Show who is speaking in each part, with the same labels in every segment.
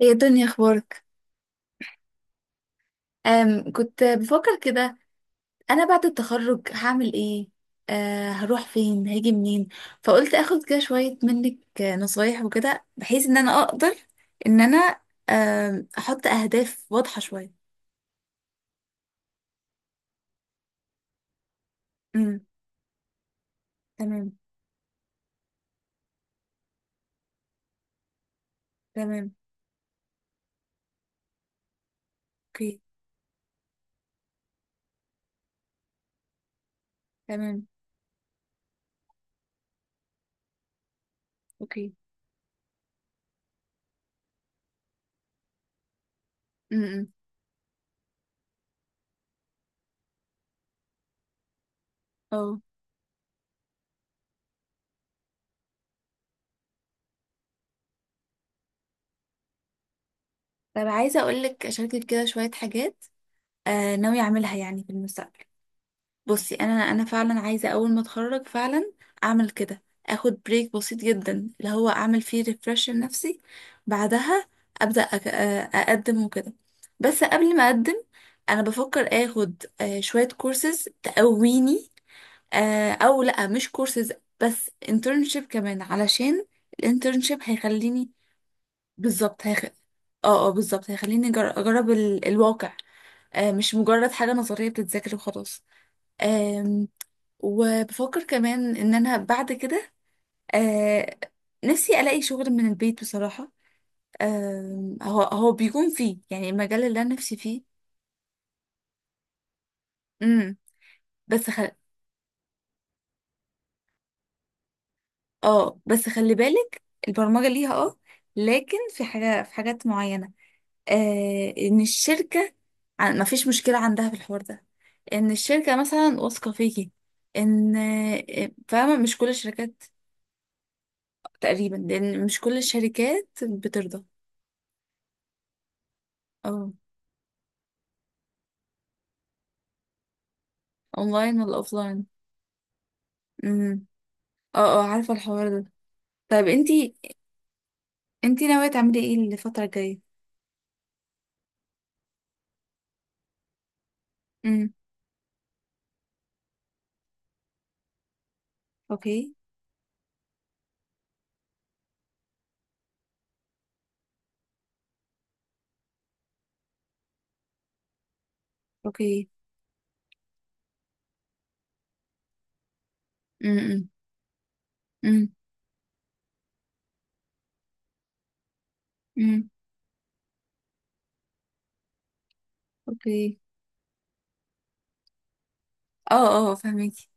Speaker 1: هي دنيا، اخبارك؟ كنت بفكر كده. انا بعد التخرج هعمل ايه؟ هروح فين، هاجي منين؟ فقلت اخد كده شوية منك نصايح وكده بحيث ان انا اقدر ان انا آم، احط اهداف واضحة شوية. امم. تمام. تمام. اوكي. تمام. اوكي. امم. اه. طب عايزة اقولك اشاركك كده شوية حاجات ناوية اعملها يعني في المستقبل. بصي، انا فعلا عايزه اول ما اتخرج فعلا اعمل كده، اخد بريك بسيط جدا اللي هو اعمل فيه ريفرش لنفسي. بعدها ابدا أك... آه، اقدم وكده، بس قبل ما اقدم انا بفكر اخد شويه كورسز تقويني، او لا مش كورسز بس انترنشيب كمان علشان الانترنشيب هيخليني. بالظبط هيخ... اه اه، بالظبط هيخليني اجرب الواقع. مش مجرد حاجه نظريه بتتذاكر وخلاص. آمم، وبفكر كمان ان انا بعد كده آه نفسي الاقي شغل من البيت بصراحة. هو بيكون فيه يعني المجال اللي انا نفسي فيه. امم. بس خل... اه، بس خلي بالك البرمجة ليها لكن في حاجات معينة. ان الشركة ما فيش مشكلة عندها في الحوار ده، ان الشركة مثلا واثقة فيكي، ان فاهمة، مش كل الشركات. تقريبا لان مش كل الشركات بترضى. اه. اونلاين ولا اوفلاين؟ امم. اه اه، عارفة الحوار ده. طيب، انتي ناوية تعملي ايه الفترة الجاية؟ امم. اوكي. اوكي. امم. امم. امم. اوكي. اه اه، فهميكي.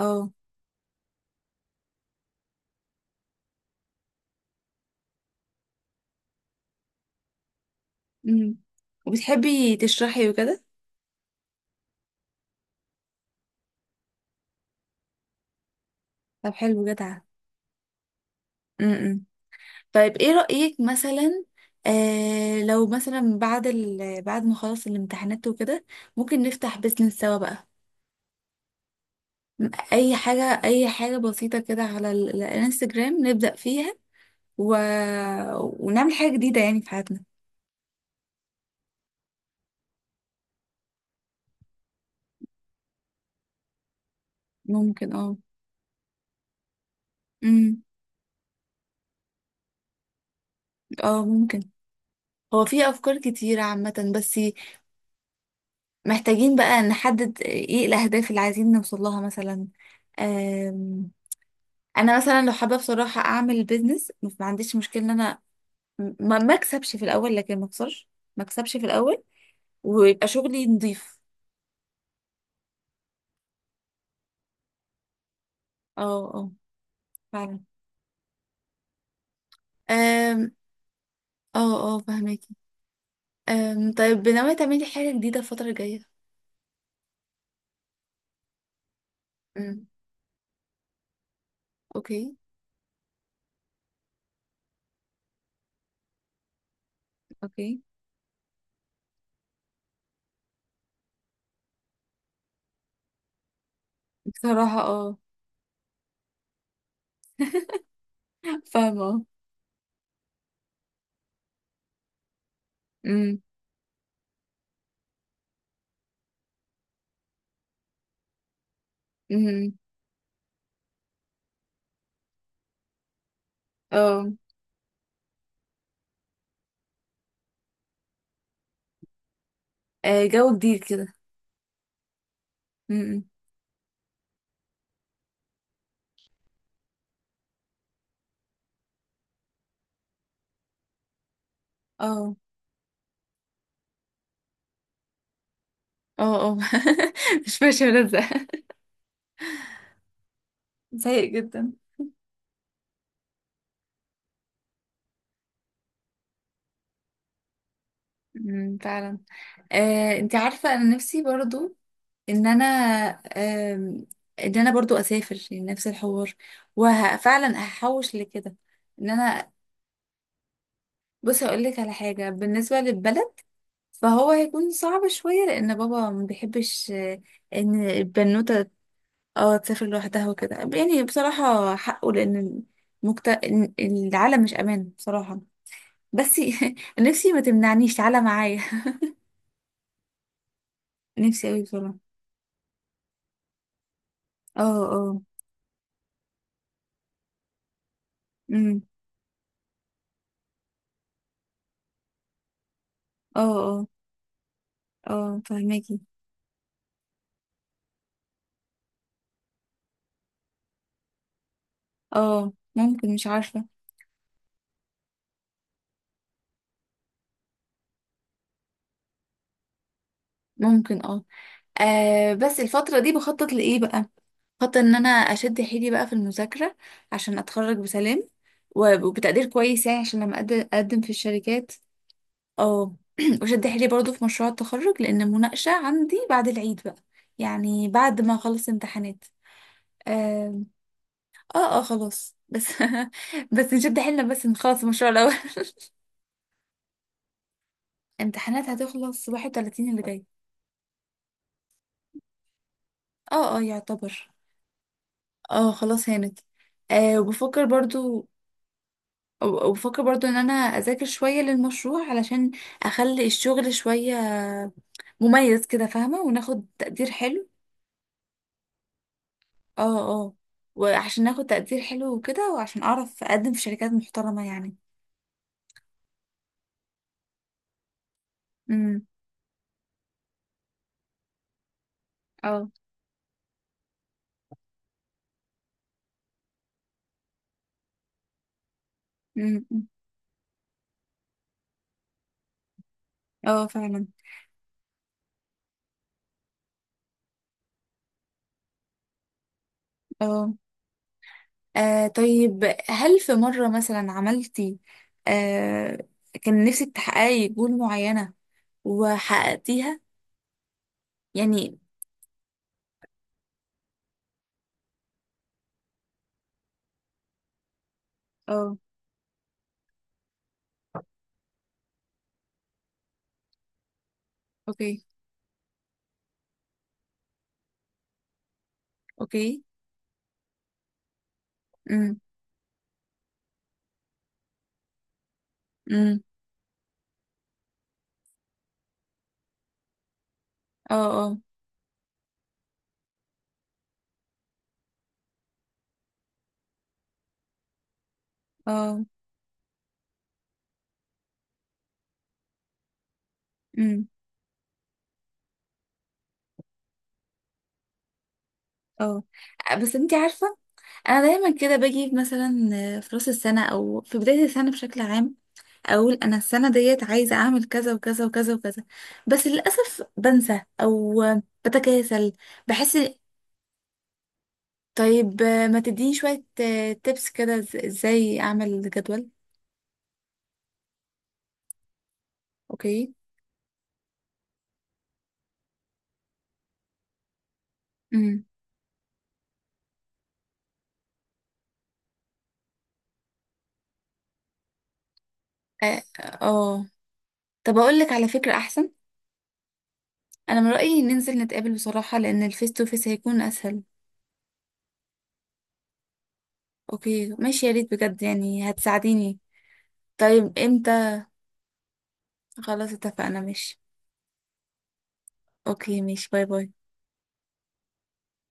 Speaker 1: اه. امم. وبتحبي تشرحي وكده؟ طب حلو، جدعة. امم. طيب، ايه رأيك مثلا. لو مثلا بعد ما خلص الامتحانات وكده، ممكن نفتح بيزنس سوا بقى. اي حاجة، اي حاجة بسيطة كده على الانستجرام نبدأ فيها، و... ونعمل حاجة جديدة يعني في حياتنا. ممكن. اه. امم. اه. ممكن. هو في أفكار كتيرة عامة بس. محتاجين بقى نحدد ايه الأهداف اللي عايزين نوصل لها مثلا. أم... أنا مثلا لو حابة بصراحة أعمل بيزنس، ما عنديش مشكلة إن أنا ما أكسبش في الأول لكن ما أخسرش. ما أكسبش في الأول ويبقى شغلي نضيف. اه اه، فعلا. أم... اه اه، فهماكي. طيب، ناوية تعملي حاجة جديدة الفترة الجاية؟ امم. اوكي. اوكي بصراحة. اه. فاهمة. اه. أمم. أمم. اه. جو جديد كده. أمم. امم. اه اه اه. مش ماشي ملزق. سيء جدا. أمم، فعلا. انت عارفة انا نفسي برضو ان انا آم، ان انا برضو اسافر يعني نفس الحوار، وفعلا هحوش لكده. ان انا بصي، اقول لك على حاجة بالنسبة للبلد. فهو هيكون صعب شوية لان بابا ما بيحبش ان البنوتة اه تسافر لوحدها وكده، يعني بصراحة حقه لأن العالم مش أمان بصراحة. بس نفسي ما تمنعنيش، تعالى معايا. نفسي أوي بصراحة. اه. اه. امم. اه. اه. اه، فهماكي. اه. ممكن، مش عارفة. ممكن. اه. بس الفترة دي بخطط لإيه بقى؟ خطط إن أنا أشد حيلي بقى في المذاكرة عشان أتخرج بسلام، وبتقدير كويس يعني عشان لما أقدم في الشركات. اه. وشد حيلي برضو في مشروع التخرج لان المناقشه عندي بعد العيد بقى، يعني بعد ما اخلص امتحانات. آم، اه اه، خلاص. بس بس نشد حيلنا بس نخلص المشروع الاول. امتحانات هتخلص 31 اللي جاي. اه اه، يعتبر. اه، خلاص هانت. آه وبفكر برضو وبفكر برضو ان انا اذاكر شوية للمشروع علشان اخلي الشغل شوية مميز كده فاهمة، وناخد تقدير حلو. اه اه، وعشان اخد تقدير حلو وكده، وعشان اعرف اقدم في شركات محترمة يعني. امم. اه. امم. اه، فعلا. اه. طيب، هل في مرة مثلا عملتي آه كان نفسك تحققي جول معينة وحققتيها يعني؟ اه. اوكي. اوكي. امم. امم. اه. اه. اه. امم. اه. بس انتي عارفة، انا دايما كده باجي مثلا في راس السنة او في بداية السنة بشكل عام، اقول انا السنه ديت عايزه اعمل كذا وكذا وكذا وكذا. بس للاسف بنسى او بتكاسل، بحس. طيب ما تديني شويه تيبس كده، ازاي اعمل جدول؟ اوكي. امم. اه. آه. طب اقول لك على فكره احسن، انا من رايي ننزل نتقابل بصراحه لان الفيس تو فيس هيكون اسهل. اوكي ماشي، يا ريت بجد يعني هتساعديني. طيب، امتى؟ خلاص اتفقنا، ماشي. اوكي ماشي، باي باي.